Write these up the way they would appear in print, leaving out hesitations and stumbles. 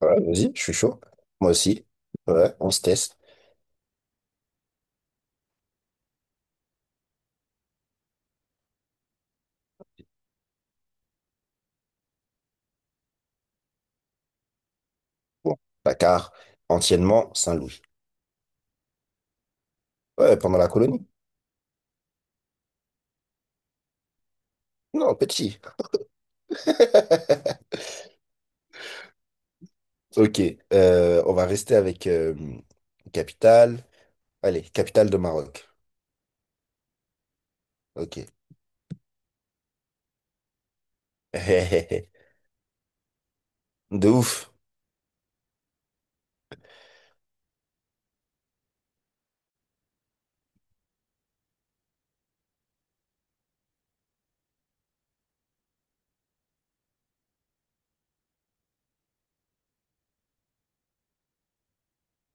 Ouais, vas-y, je suis chaud. Moi aussi. Ouais, on se teste. Bon, Dakar, anciennement Saint-Louis. Ouais, pendant la colonie. Non, petit. Ok, on va rester avec capitale. Allez, capitale de Maroc. Ok. De ouf.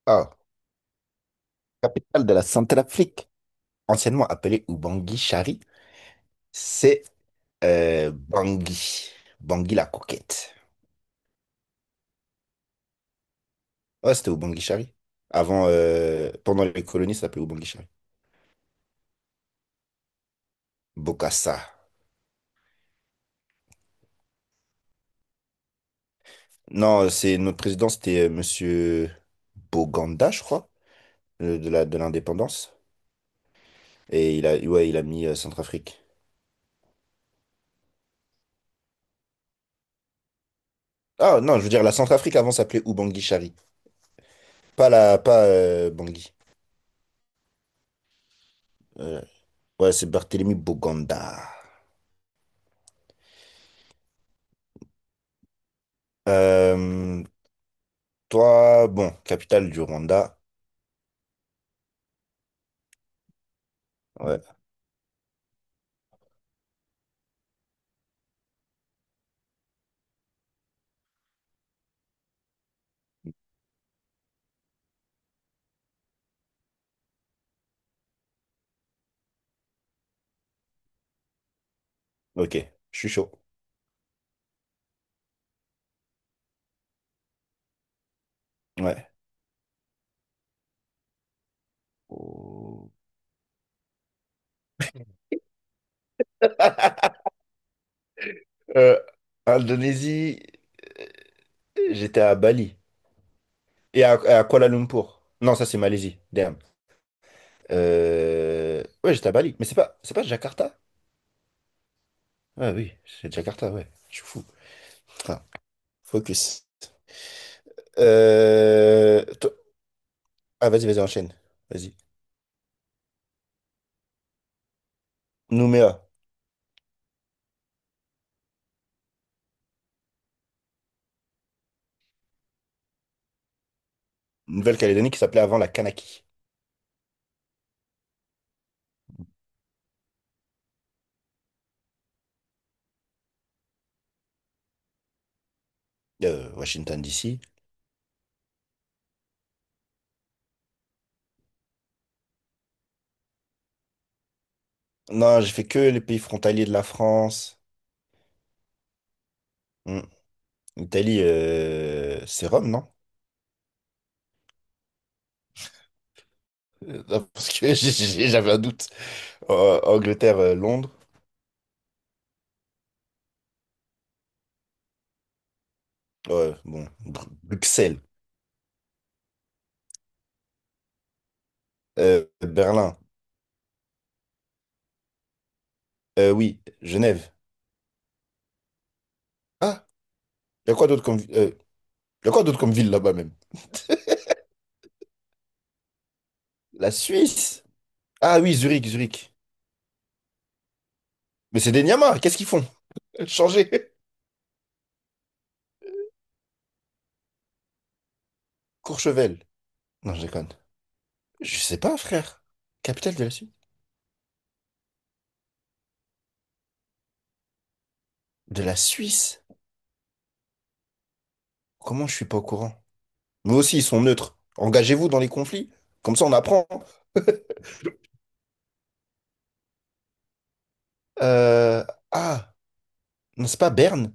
Ah, capitale de la Centrafrique, anciennement appelée Ubangui Chari, c'est Bangui. Bangui la coquette. Ouais, c'était Ubangui Chari. Avant, pendant les colonies, ça s'appelait Ubangui Chari. Bokassa. Non, c'est notre président, c'était Monsieur Boganda, je crois, de la, de l'indépendance. Et il a, ouais, il a mis Centrafrique. Ah non, je veux dire, la Centrafrique avant s'appelait Ubangui Chari. Pas la, pas Bangui. Euh, ouais, c'est Barthélemy Boganda. Euh, toi, bon, capitale du Rwanda. Ouais, ok, je suis chaud. Ouais. Oh. Euh, Indonésie, j'étais à Bali. Et à Kuala Lumpur. Non, ça c'est Malaisie. Ouais, j'étais à Bali. Mais c'est pas Jakarta? Ah oui, c'est Jakarta, ouais. Je suis fou. Putain, focus. Euh, to- Ah, vas-y, enchaîne. Vas-y. Nouméa, Nouvelle-Calédonie qui s'appelait avant la Kanaki. Washington, D.C. Non, j'ai fait que les pays frontaliers de la France. Hmm. Italie, c'est Rome, non? Non, parce que j'avais un doute. Angleterre, Londres. Ouais, bon. Bruxelles. Berlin. Oui, Genève. Ah, il y a quoi d'autre comme, y a quoi d'autre comme ville là-bas même? La Suisse? Ah oui, Zurich, Zurich. Mais c'est des Niamas, qu'est-ce qu'ils font? Changer. Courchevel. Non, je déconne. Je sais pas, frère. Capitale de la Suisse? De la Suisse? Comment je suis pas au courant? Mais aussi, ils sont neutres. Engagez-vous dans les conflits. Comme ça, on apprend. Euh, Ah, non, c'est pas Berne?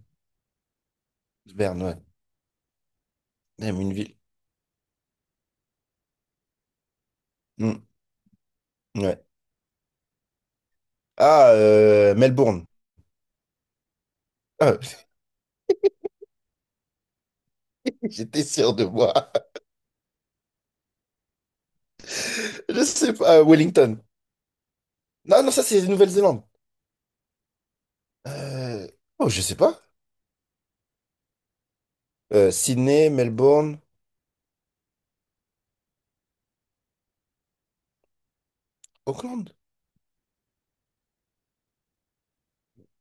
Berne, ouais. Même une ville. Hmm, ouais. Ah, Melbourne. Ah, j'étais sûr de moi. Je sais pas, Wellington. Non, non, ça, c'est Nouvelle-Zélande. Euh, oh, je sais pas. Sydney, Melbourne, Auckland.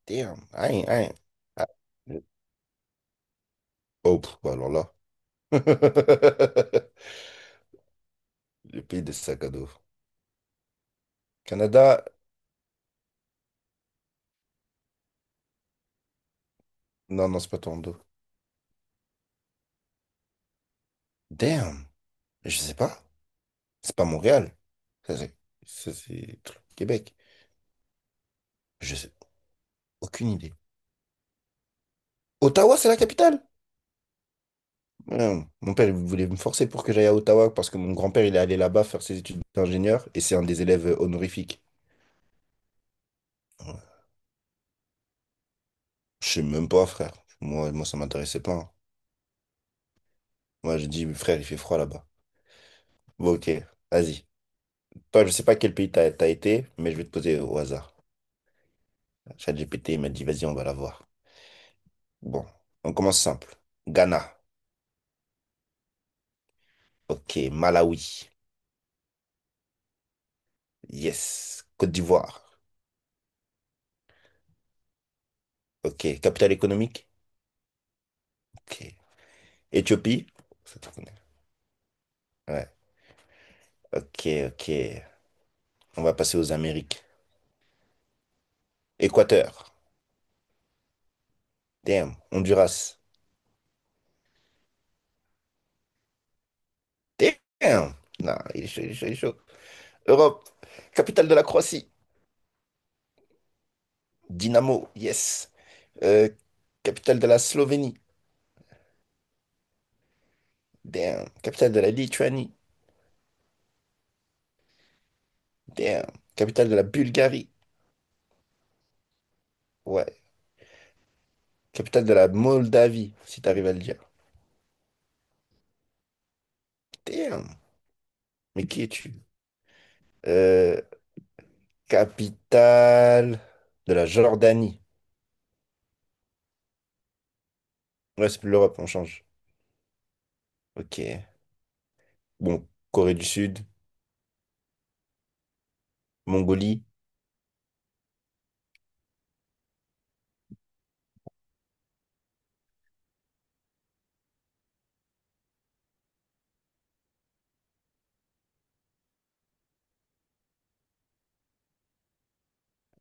Damn. I ain't- ah, je- Oh, pff, bah alors là. Le pays des sacs à dos. Canada. Non, non, c'est pas Toronto. Damn. Je sais pas. C'est pas Montréal. Ça, c'est ça, c'est truc Québec. Je sais. Aucune idée. Ottawa, c'est la capitale? Non. Mon père, il voulait me forcer pour que j'aille à Ottawa parce que mon grand-père, il est allé là-bas faire ses études d'ingénieur et c'est un des élèves honorifiques. Je sais même pas, frère. Moi ça m'intéressait pas, hein. Moi, j'ai dit, frère, il fait froid là-bas. Bon, ok, vas-y. Toi, je sais pas quel pays t'as été, mais je vais te poser au hasard. ChatGPT, il m'a dit, vas-y, on va la voir. Bon, on commence simple. Ghana. Ok, Malawi. Yes. Côte d'Ivoire. Ok, capitale économique. Ok. Éthiopie. Ça, tu connais. Ouais. Ok, ok. On va passer aux Amériques. Équateur. Damn. Honduras. Damn. Non, il est chaud. Europe, capitale de la Croatie, Dinamo, yes. Euh, capitale de la Slovénie, damn. Capitale de la Lituanie, damn. Capitale de la Bulgarie, ouais. Capitale de la Moldavie, si t'arrives à le dire. Damn, mais qui es-tu? Euh, capitale de la Jordanie. Ouais, c'est plus l'Europe, on change. Ok. Bon, Corée du Sud, Mongolie.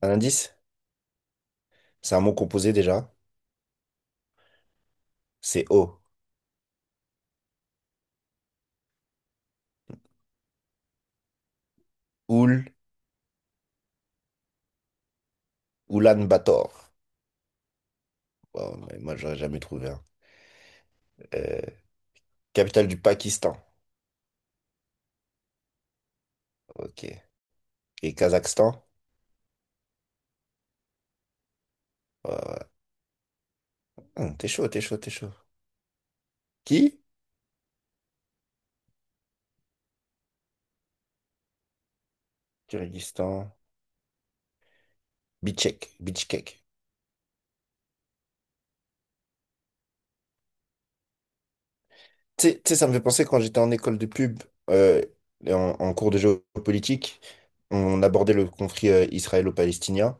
Un indice? C'est un mot composé déjà. C'est O. Oul, Oulan Bator. Wow, mais moi, j'aurais jamais trouvé un. Euh, capitale du Pakistan. Ok. Et Kazakhstan. Ouais, ouais. T'es chaud. Qui? Kyrgyzstan. Bichkek. Bichkek. Tu sais, ça me fait penser quand j'étais en école de pub, euh, et en, en cours de géopolitique, on abordait le conflit israélo-palestinien.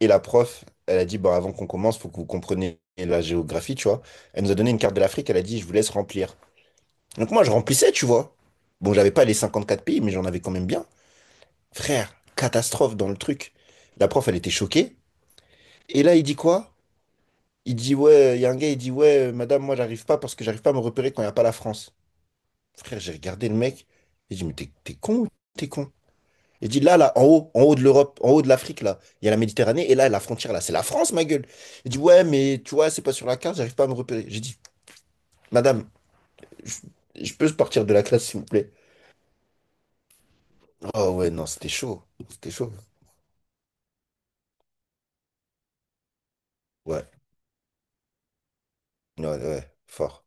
Et la prof, elle a dit, bon, avant qu'on commence, faut que vous compreniez la géographie, tu vois. Elle nous a donné une carte de l'Afrique, elle a dit, je vous laisse remplir. Donc moi, je remplissais, tu vois. Bon, j'avais pas les 54 pays, mais j'en avais quand même bien. Frère, catastrophe dans le truc. La prof, elle était choquée. Et là, il dit quoi? Il dit, ouais, il y a un gars, il dit, ouais, madame, moi, j'arrive pas parce que j'arrive pas à me repérer quand il n'y a pas la France. Frère, j'ai regardé le mec. J'ai dit, mais t'es con ou t'es con? Il dit, là, en haut de l'Europe, en haut de l'Afrique, là, il y a la Méditerranée. Et là, la frontière, là, c'est la France, ma gueule. Il dit, ouais, mais tu vois, c'est pas sur la carte, j'arrive pas à me repérer. J'ai dit, madame, je, je peux sortir de la classe, s'il vous plaît? Oh, ouais, non, c'était chaud. C'était chaud. Ouais, ouais, fort.